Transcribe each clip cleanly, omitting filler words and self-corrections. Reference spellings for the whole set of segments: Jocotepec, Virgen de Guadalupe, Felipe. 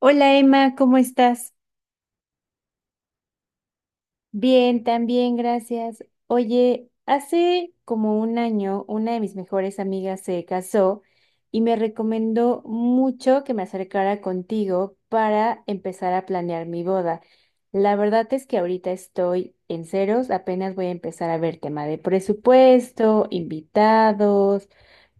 Hola Emma, ¿cómo estás? Bien, también, gracias. Oye, hace como un año una de mis mejores amigas se casó y me recomendó mucho que me acercara contigo para empezar a planear mi boda. La verdad es que ahorita estoy en ceros, apenas voy a empezar a ver tema de presupuesto, invitados,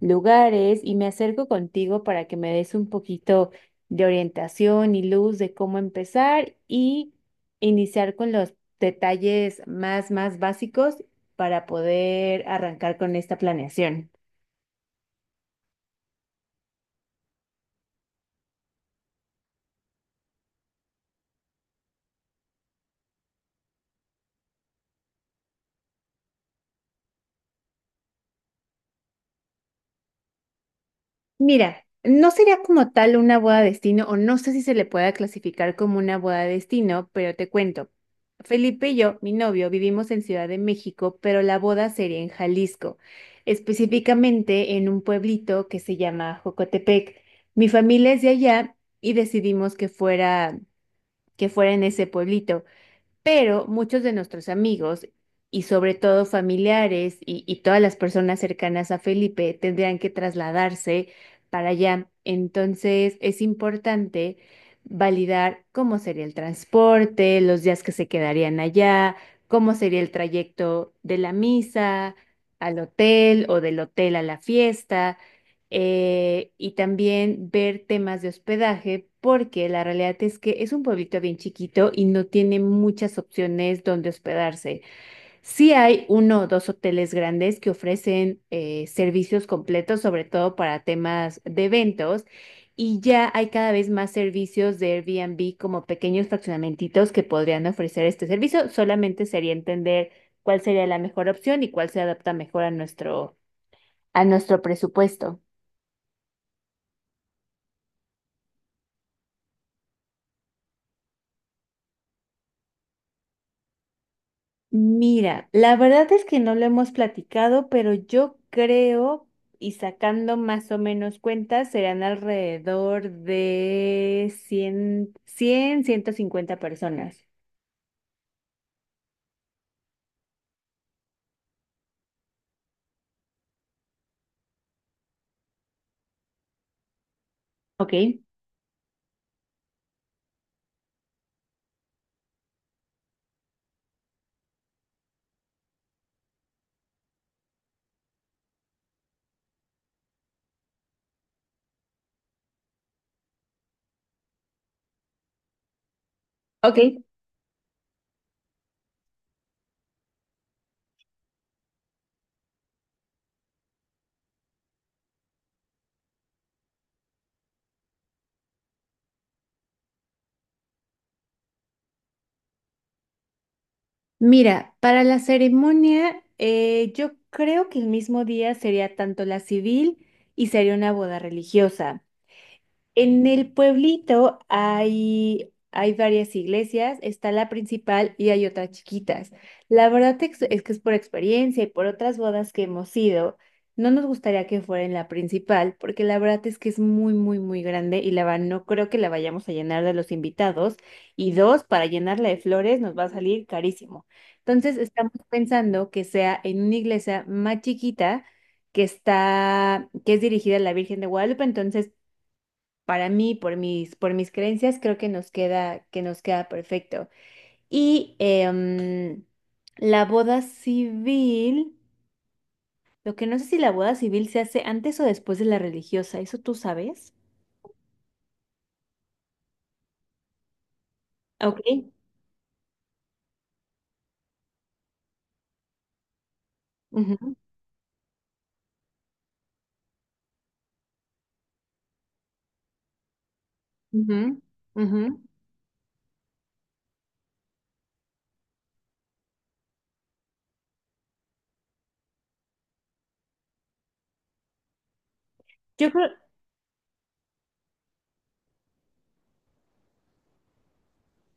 lugares y me acerco contigo para que me des un poquito de orientación y luz de cómo empezar y iniciar con los detalles más básicos para poder arrancar con esta planeación. Mira, no sería como tal una boda destino, o no sé si se le pueda clasificar como una boda destino, pero te cuento. Felipe y yo, mi novio, vivimos en Ciudad de México, pero la boda sería en Jalisco, específicamente en un pueblito que se llama Jocotepec. Mi familia es de allá y decidimos que fuera en ese pueblito. Pero muchos de nuestros amigos y sobre todo familiares y todas las personas cercanas a Felipe tendrían que trasladarse para allá. Entonces es importante validar cómo sería el transporte, los días que se quedarían allá, cómo sería el trayecto de la misa al hotel o del hotel a la fiesta, y también ver temas de hospedaje, porque la realidad es que es un pueblito bien chiquito y no tiene muchas opciones donde hospedarse. Sí hay uno o dos hoteles grandes que ofrecen servicios completos, sobre todo para temas de eventos. Y ya hay cada vez más servicios de Airbnb como pequeños fraccionamentitos que podrían ofrecer este servicio. Solamente sería entender cuál sería la mejor opción y cuál se adapta mejor a nuestro presupuesto. Mira, la verdad es que no lo hemos platicado, pero yo creo, y sacando más o menos cuentas, serán alrededor de 100, 100, 150 personas. Ok, ok. Mira, para la ceremonia, yo creo que el mismo día sería tanto la civil y sería una boda religiosa. En el pueblito hay varias iglesias, está la principal y hay otras chiquitas. La verdad es que es por experiencia y por otras bodas que hemos ido, no nos gustaría que fuera en la principal, porque la verdad es que es muy, muy, muy grande y la verdad no creo que la vayamos a llenar de los invitados. Y dos, para llenarla de flores nos va a salir carísimo. Entonces estamos pensando que sea en una iglesia más chiquita que está, que es dirigida a la Virgen de Guadalupe, entonces para mí, por mis creencias, creo que nos queda perfecto. Y la boda civil, lo que no sé si la boda civil se hace antes o después de la religiosa, ¿eso tú sabes? Ok. Ujú, ujú, ujú. Yo creo,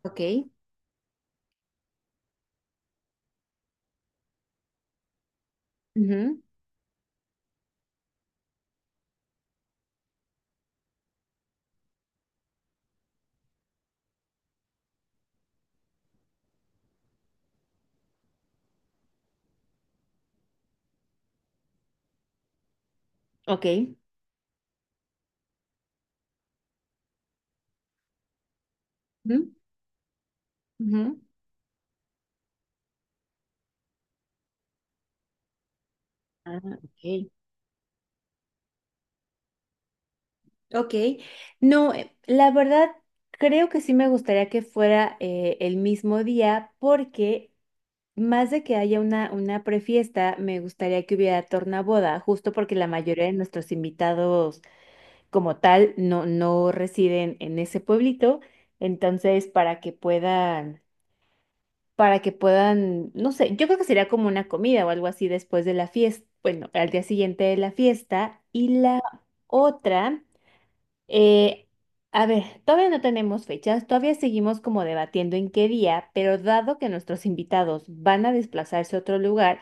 ok, ujú, ok, ujú, ujú. Ah, ok, ok. No, la verdad, creo que sí me gustaría que fuera el mismo día porque más de que haya una prefiesta, me gustaría que hubiera tornaboda, justo porque la mayoría de nuestros invitados como tal no, no residen en ese pueblito. Entonces, para que puedan, no sé, yo creo que sería como una comida o algo así después de la fiesta, bueno, al día siguiente de la fiesta. Y la otra. Eh, a ver, todavía no tenemos fechas, todavía seguimos como debatiendo en qué día, pero dado que nuestros invitados van a desplazarse a otro lugar,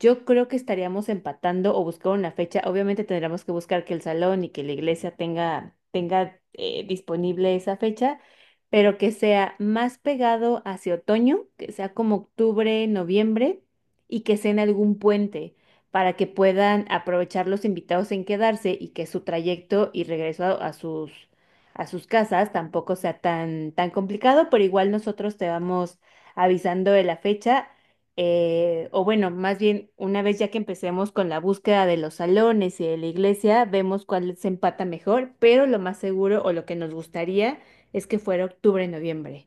yo creo que estaríamos empatando o buscar una fecha. Obviamente tendremos que buscar que el salón y que la iglesia tenga disponible esa fecha, pero que sea más pegado hacia otoño, que sea como octubre, noviembre y que sea en algún puente para que puedan aprovechar los invitados en quedarse y que su trayecto y regreso a sus casas tampoco sea tan tan complicado, pero igual nosotros te vamos avisando de la fecha, o bueno, más bien una vez ya que empecemos con la búsqueda de los salones y de la iglesia, vemos cuál se empata mejor, pero lo más seguro o lo que nos gustaría es que fuera octubre, noviembre.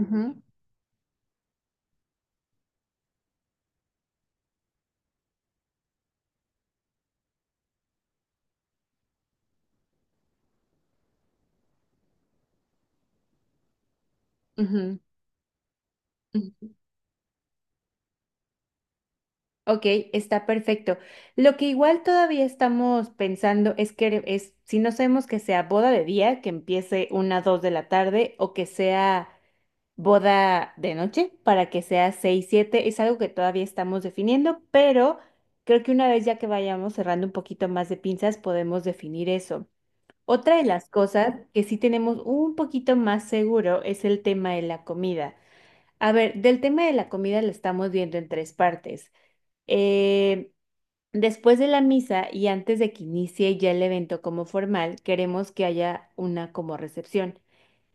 Ujú, ujú. Ujú. Ok, está perfecto. Lo que igual todavía estamos pensando es que es, si no sabemos que sea boda de día, que empiece una, dos de la tarde, o que sea boda de noche, para que sea seis, siete, es algo que todavía estamos definiendo, pero creo que una vez ya que vayamos cerrando un poquito más de pinzas, podemos definir eso. Otra de las cosas que sí tenemos un poquito más seguro es el tema de la comida. A ver, del tema de la comida lo estamos viendo en tres partes. Eh, Después de la misa y antes de que inicie ya el evento como formal, queremos que haya una como recepción.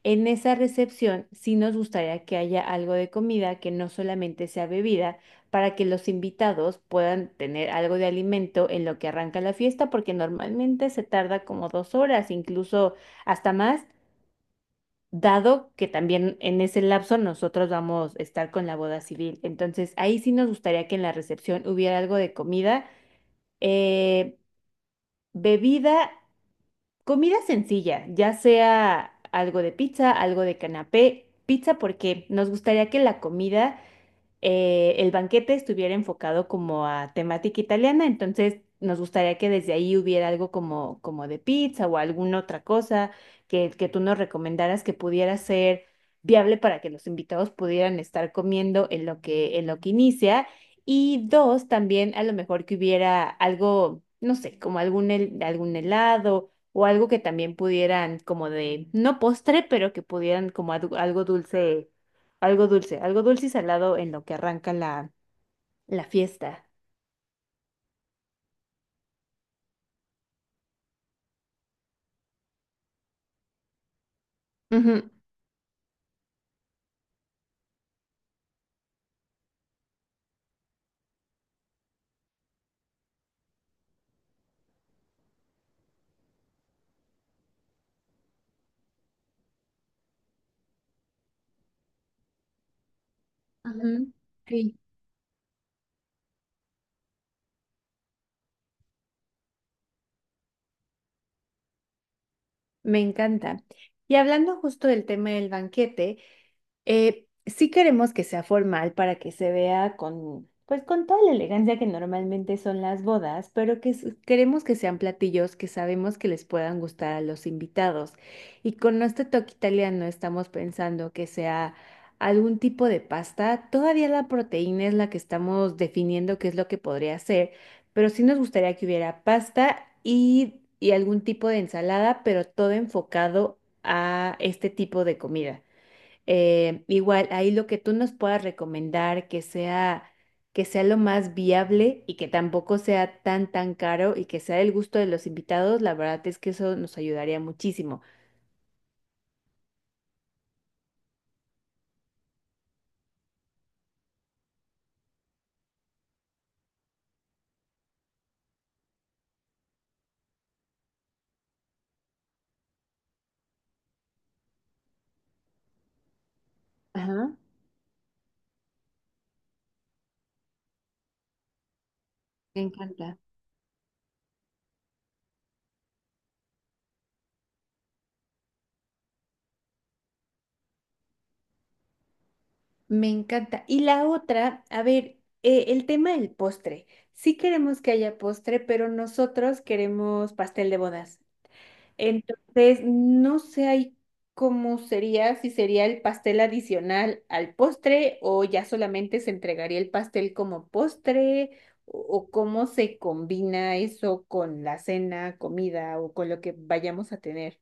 En esa recepción sí nos gustaría que haya algo de comida que no solamente sea bebida, para que los invitados puedan tener algo de alimento en lo que arranca la fiesta, porque normalmente se tarda como 2 horas, incluso hasta más, dado que también en ese lapso nosotros vamos a estar con la boda civil. Entonces ahí sí nos gustaría que en la recepción hubiera algo de comida. Eh, Bebida, comida sencilla, ya sea algo de pizza, algo de canapé, pizza porque nos gustaría que la comida, el banquete estuviera enfocado como a temática italiana, entonces nos gustaría que desde ahí hubiera algo como de pizza o alguna otra cosa que tú nos recomendaras que pudiera ser viable para que los invitados pudieran estar comiendo en lo que inicia. Y dos, también a lo mejor que hubiera algo, no sé, como algún helado o algo que también pudieran como de, no postre, pero que pudieran como algo dulce, algo dulce y salado en lo que arranca la fiesta. Ujú, Ujú. Sí, me encanta. Y hablando justo del tema del banquete, sí queremos que sea formal para que se vea con, pues con toda la elegancia que normalmente son las bodas, pero que queremos que sean platillos que sabemos que les puedan gustar a los invitados. Y con nuestro toque italiano estamos pensando que sea algún tipo de pasta. Todavía la proteína es la que estamos definiendo qué es lo que podría ser, pero sí nos gustaría que hubiera pasta y algún tipo de ensalada, pero todo enfocado a este tipo de comida. Igual, ahí lo que tú nos puedas recomendar que sea lo más viable y que tampoco sea tan, tan caro y que sea del gusto de los invitados, la verdad es que eso nos ayudaría muchísimo. Ajá. Me encanta. Me encanta. Y la otra, a ver, el tema del postre. Sí queremos que haya postre, pero nosotros queremos pastel de bodas. Entonces, no sé ahí cómo sería, si sería el pastel adicional al postre o ya solamente se entregaría el pastel como postre o cómo se combina eso con la cena, comida o con lo que vayamos a tener.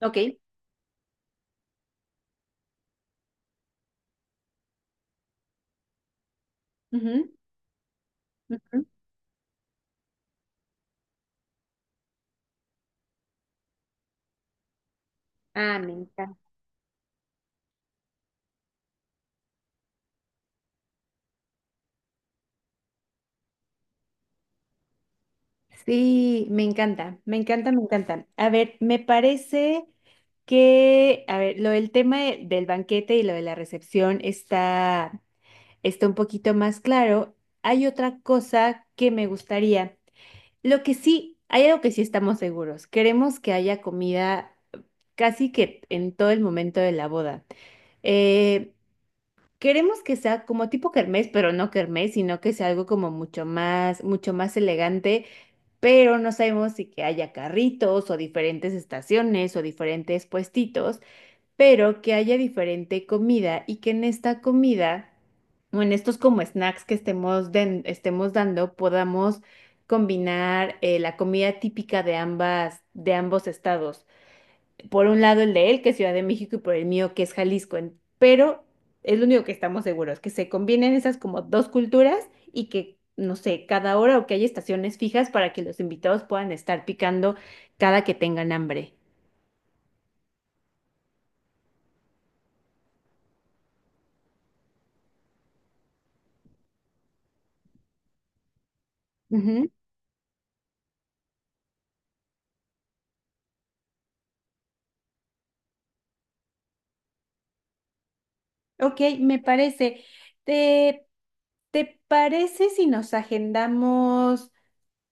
Ok. Ujú, ujú. Ah, me encanta. Sí, me encanta, me encanta, me encanta. A ver, me parece que, a ver, lo del tema del banquete y lo de la recepción está un poquito más claro. Hay otra cosa que me gustaría. Lo que sí, hay algo que sí estamos seguros. Queremos que haya comida casi que en todo el momento de la boda. Eh, Queremos que sea como tipo kermés, pero no kermés, sino que sea algo como mucho más elegante, pero no sabemos si que haya carritos o diferentes estaciones o diferentes puestitos, pero que haya diferente comida y que en esta comida o en estos como snacks que estemos dando podamos combinar, la comida típica de ambas, de ambos estados. Por un lado el de él, que es Ciudad de México, y por el mío, que es Jalisco. Pero es lo único que estamos seguros, que se combinen esas como dos culturas y que, no sé, cada hora o que haya estaciones fijas para que los invitados puedan estar picando cada que tengan hambre. Ok, me parece. ¿Te, te parece si nos agendamos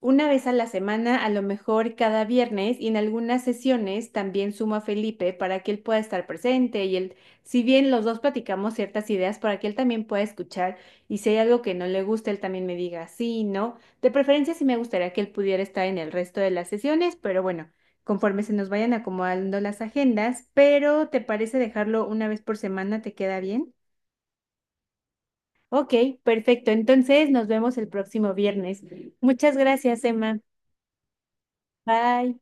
una vez a la semana, a lo mejor cada viernes, y en algunas sesiones también sumo a Felipe para que él pueda estar presente y él, si bien los dos platicamos ciertas ideas, para que él también pueda escuchar y si hay algo que no le gusta, él también me diga sí, no? De preferencia sí me gustaría que él pudiera estar en el resto de las sesiones, pero bueno, conforme se nos vayan acomodando las agendas, pero ¿te parece dejarlo una vez por semana? ¿Te queda bien? Ok, perfecto. Entonces nos vemos el próximo viernes. Muchas gracias, Emma. Bye.